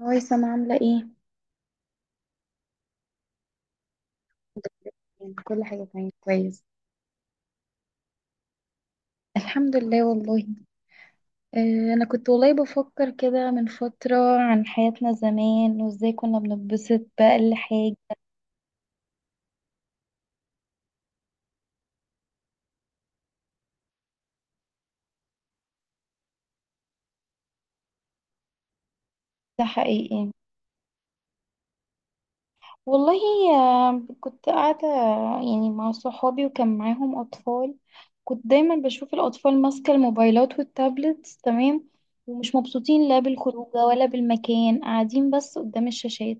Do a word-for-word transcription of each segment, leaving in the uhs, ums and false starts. هاي سما عاملة ايه؟ كل حاجة تمام كويس. الحمد لله والله. آه، أنا كنت والله بفكر كده من فترة عن حياتنا زمان وازاي كنا بنتبسط بأقل حاجة. ده حقيقي. والله، آه، كنت قاعدة، يعني مع صحابي وكان معاهم أطفال. كنت دايما بشوف الأطفال ماسكة الموبايلات والتابلتس، تمام. ومش مبسوطين لا بالخروجة ولا بالمكان، قاعدين بس قدام الشاشات.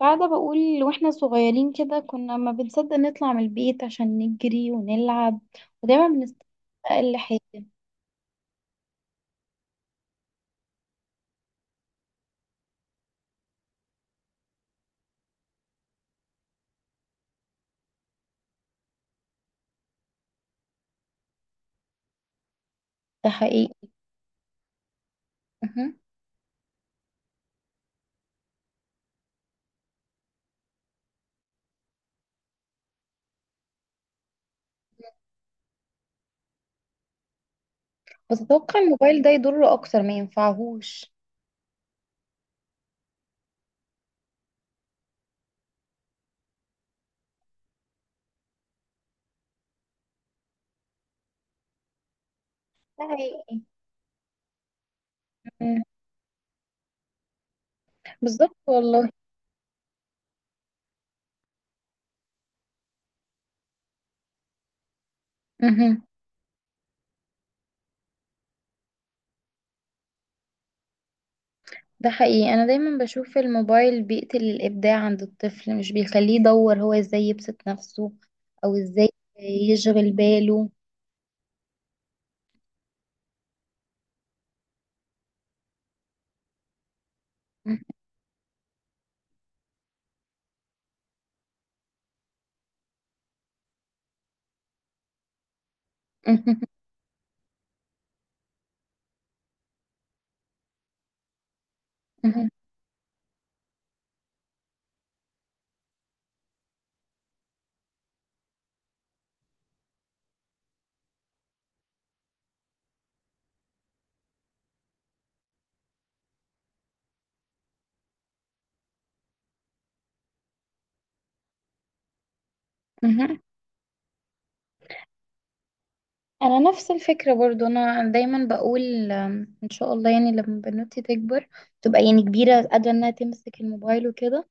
قاعدة بقول واحنا صغيرين كده كنا ما بنصدق نطلع من البيت عشان نجري ونلعب. ودايما بنستنى أقل حاجة. ده حقيقي. مهم. بس اتوقع الموبايل ده يضره اكتر ما ينفعهوش. ده حقيقي. مم. بالظبط والله. مهم. ده حقيقي. انا دايما بشوف الموبايل بيقتل الابداع عند الطفل، مش بيخليه يدور هو ازاي يبسط نفسه او ازاي يشغل باله. مهم. مهم. مهم. انا نفس الفكره برضو، انا دايما بقول أم، ان شاء الله يعني لما بنوتي تكبر تبقى يعني كبيره قادره انها تمسك الموبايل وكده،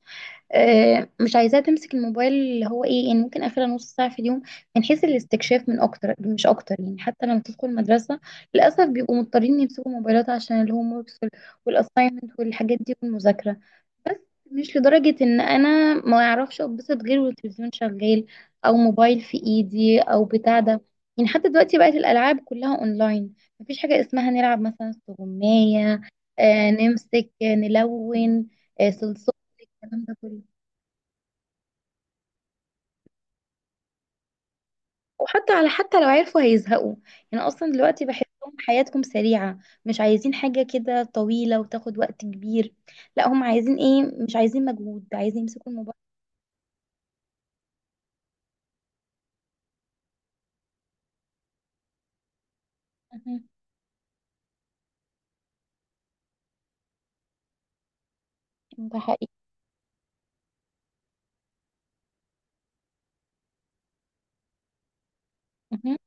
أه، مش عايزاها تمسك الموبايل اللي هو ايه، يعني ممكن اخرها نص ساعه في اليوم من حيث الاستكشاف، من اكتر مش اكتر. يعني حتى لما تدخل مدرسه، للاسف بيبقوا مضطرين يمسكوا موبايلات عشان الهوم وركس وال- والاساينمنت والحاجات دي والمذاكره. مش لدرجة ان انا ما اعرفش اتبسط غير والتلفزيون شغال او موبايل في ايدي او بتاع ده. يعني حتى دلوقتي بقت الالعاب كلها اونلاين، مفيش حاجة اسمها نلعب مثلا استغماية، آه نمسك، آه، نلون، آه صلصال، الكلام ده كله. وحتى على، حتى لو عرفوا هيزهقوا. يعني اصلا دلوقتي بحسهم حياتكم سريعة، مش عايزين حاجة كده طويلة وتاخد وقت كبير. لا هم عايزين ايه، مش عايزين مجهود، عايزين يمسكوا الموبايل. أها، ده حقيقي. أها،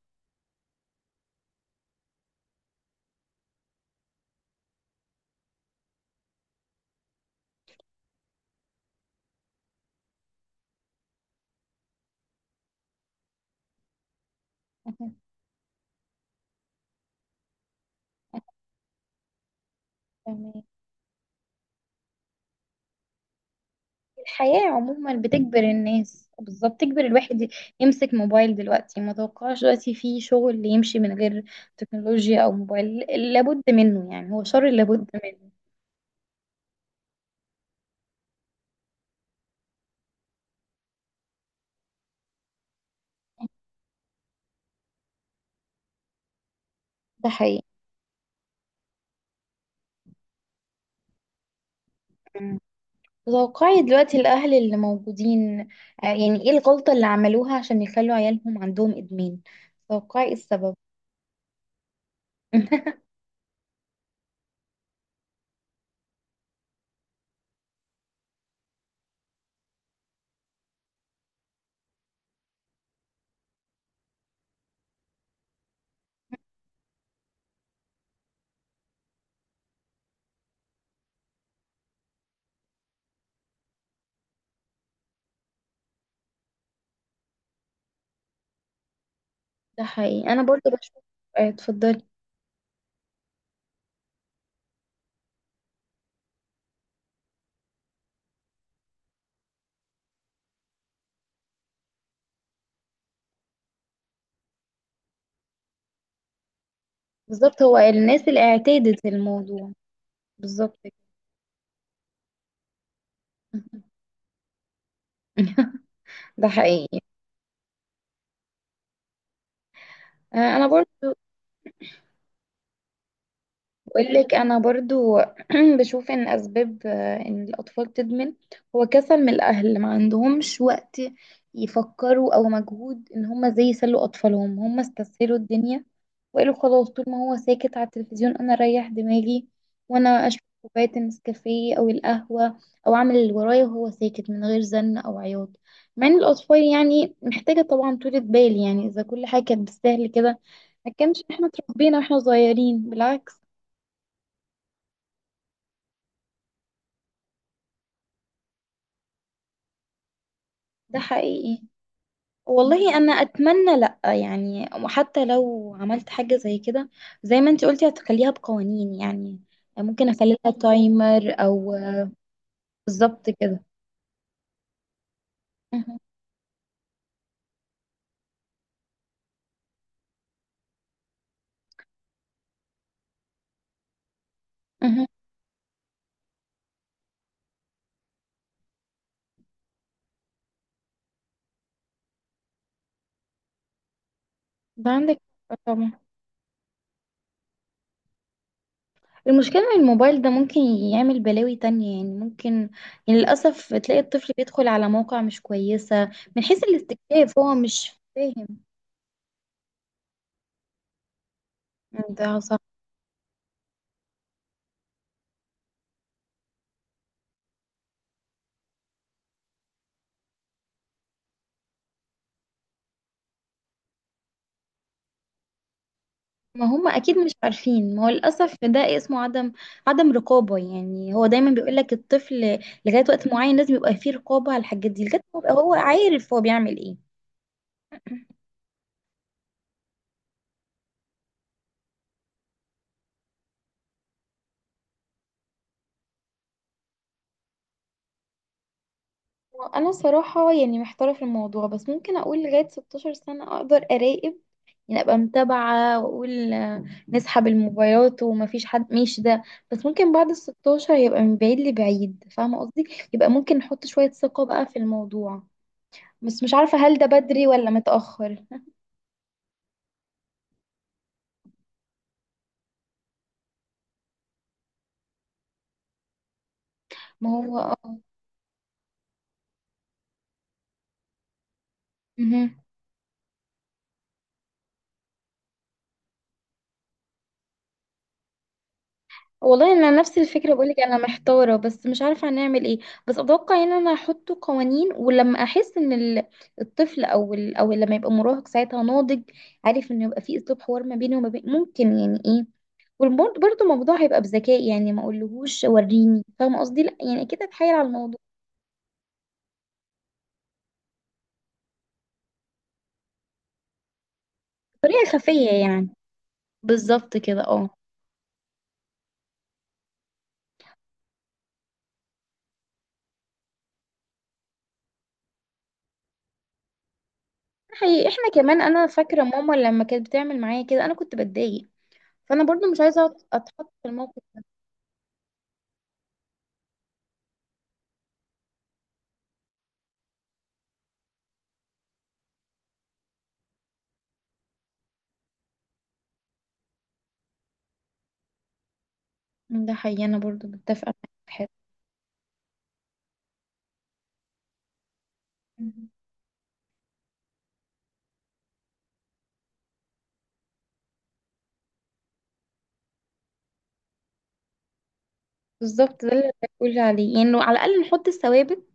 أها. تمام. الحياة عموما بتجبر الناس، بالظبط تجبر الواحد ي- يمسك موبايل. دلوقتي ما توقعش دلوقتي في شغل يمشي من غير تكنولوجيا او موبايل، لابد منه، يعني هو شر لابد منه. ده حقيقي. مم. توقعي دلوقتي الأهل اللي موجودين آه، يعني ايه الغلطة اللي عملوها عشان يخلوا عيالهم عندهم إدمان، توقعي إيه السبب؟ ده حقيقي. أنا برضو بشوف، آه، اتفضلي. بالظبط، هو الناس اللي اعتادت الموضوع. بالظبط كده. ده حقيقي. آه، انا برضو بقولك انا برضو بشوف ان اسباب آه، ان الاطفال تدمن هو كسل من الاهل، ما عندهمش وقت يفكروا او مجهود ان هم ازاي يسلوا اطفالهم، هم استسهلوا الدنيا وقالوا خلاص طول ما هو ساكت على التلفزيون انا اريح دماغي وانا اشرب كوبايه النسكافيه او القهوه او اعمل اللي ورايا، وهو ساكت من غير زن او عياط. مع ان الاطفال يعني محتاجه طبعا طولة بال، يعني اذا كل حاجه كانت بالسهل كده ما كانش احنا اتربينا واحنا صغيرين، بالعكس. ده حقيقي. والله انا اتمنى لا، يعني وحتى لو عملت حاجه زي كده زي ما انت قلتي هتخليها بقوانين، يعني ممكن اخلي لها تايمر او بالظبط كده. مهم. مهم. ده عندك حق طبعا. المشكله ان الموبايل ده ممكن يعمل بلاوي تانية، يعني ممكن، يعني للاسف تلاقي الطفل بيدخل على مواقع مش كويسه من حيث الاستكشاف، هو مش فاهم. ده صح. ما هم اكيد مش عارفين، ما هو للاسف ده اسمه عدم، عدم رقابه. يعني هو دايما بيقول لك الطفل لغايه وقت معين لازم يبقى فيه رقابه على الحاجات دي لغايه ما يبقى هو عارف هو بيعمل ايه. انا صراحه يعني محتاره في الموضوع، بس ممكن اقول لغايه ستة عشر سنه اقدر اراقب، يعني ابقى متابعه واقول آه، نسحب الموبايلات ومفيش حد مش ده. بس ممكن بعد ال ستة عشر يبقى من بعيد لبعيد، فاهمه قصدي؟ يبقى ممكن نحط شويه ثقه بقى في الموضوع، بس مش عارفه هل ده بدري ولا متاخر. ما هو اه. مهم. والله انا نفس الفكره، بقولك انا محتاره بس مش عارفه هنعمل ايه. بس اتوقع ان انا هحط قوانين، ولما احس ان ال- الطفل او ال... او لما يبقى مراهق ساعتها ناضج عارف، ان يبقى في اسلوب حوار ما بينه وما بين، ممكن يعني ايه، وبرضه الموضوع هيبقى بذكاء، يعني ما اقولهوش وريني، فاهمه قصدي؟ لا يعني اكيد اتحايل على الموضوع بطريقه خفيه يعني. بالظبط كده اه. حقيقي احنا كمان، انا فاكره ماما لما كانت بتعمل معايا كده انا كنت بتضايق، فانا برضو مش عايزه أت- اتحط في الموقف. ده حقيقي، انا برضو متفقه معاك في الحتة. بالظبط، ده اللي بقول عليه. يعني لو على الاقل نحط الثوابت،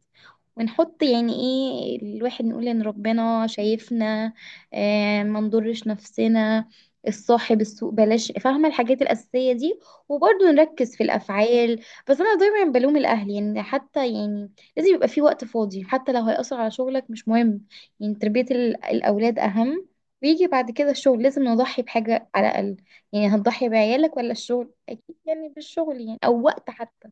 ونحط يعني ايه، الواحد نقول ان ربنا شايفنا، آه ما نضرش نفسنا، الصاحب السوق بلاش، فاهمة، الحاجات الأساسية دي. وبرضه نركز في الأفعال. بس أنا دايما بلوم الأهل يعني، حتى يعني لازم يبقى في وقت فاضي حتى لو هيأثر على شغلك مش مهم. يعني تربية ال- الأولاد أهم، ويجي بعد كده الشغل. لازم نضحي بحاجة على الأقل، يعني هتضحي بعيالك ولا الشغل؟ أكيد يعني بالشغل، يعني أو وقت حتى.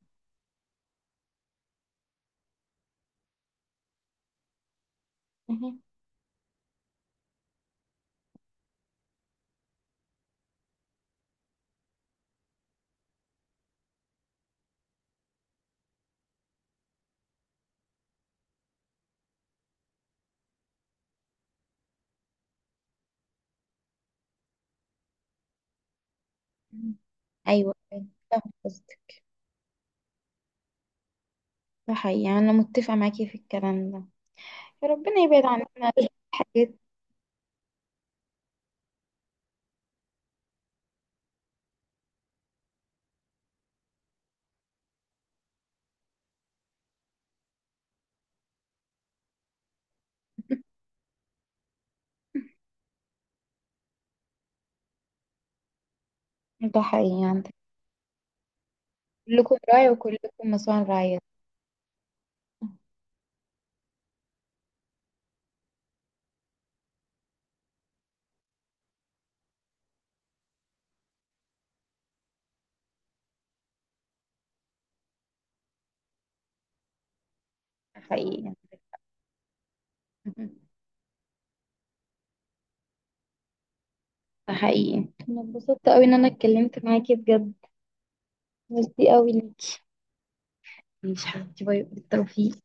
مهم. أيوه فاهمة قصدك. ده حقيقي، أنا متفقة معاكي في الكلام ده. ربنا يبعد عننا الحاجات. ده حقيقي عندك. كلكم راعي وكلكم مسؤول عن رعيته. ده حقيقي عندك. ده حقيقي، أنا اتبسطت أوي إن أنا اتكلمت معاكي بجد. ميرسي أوي ليكي. ماشي حبيبتي، باي، بالتوفيق.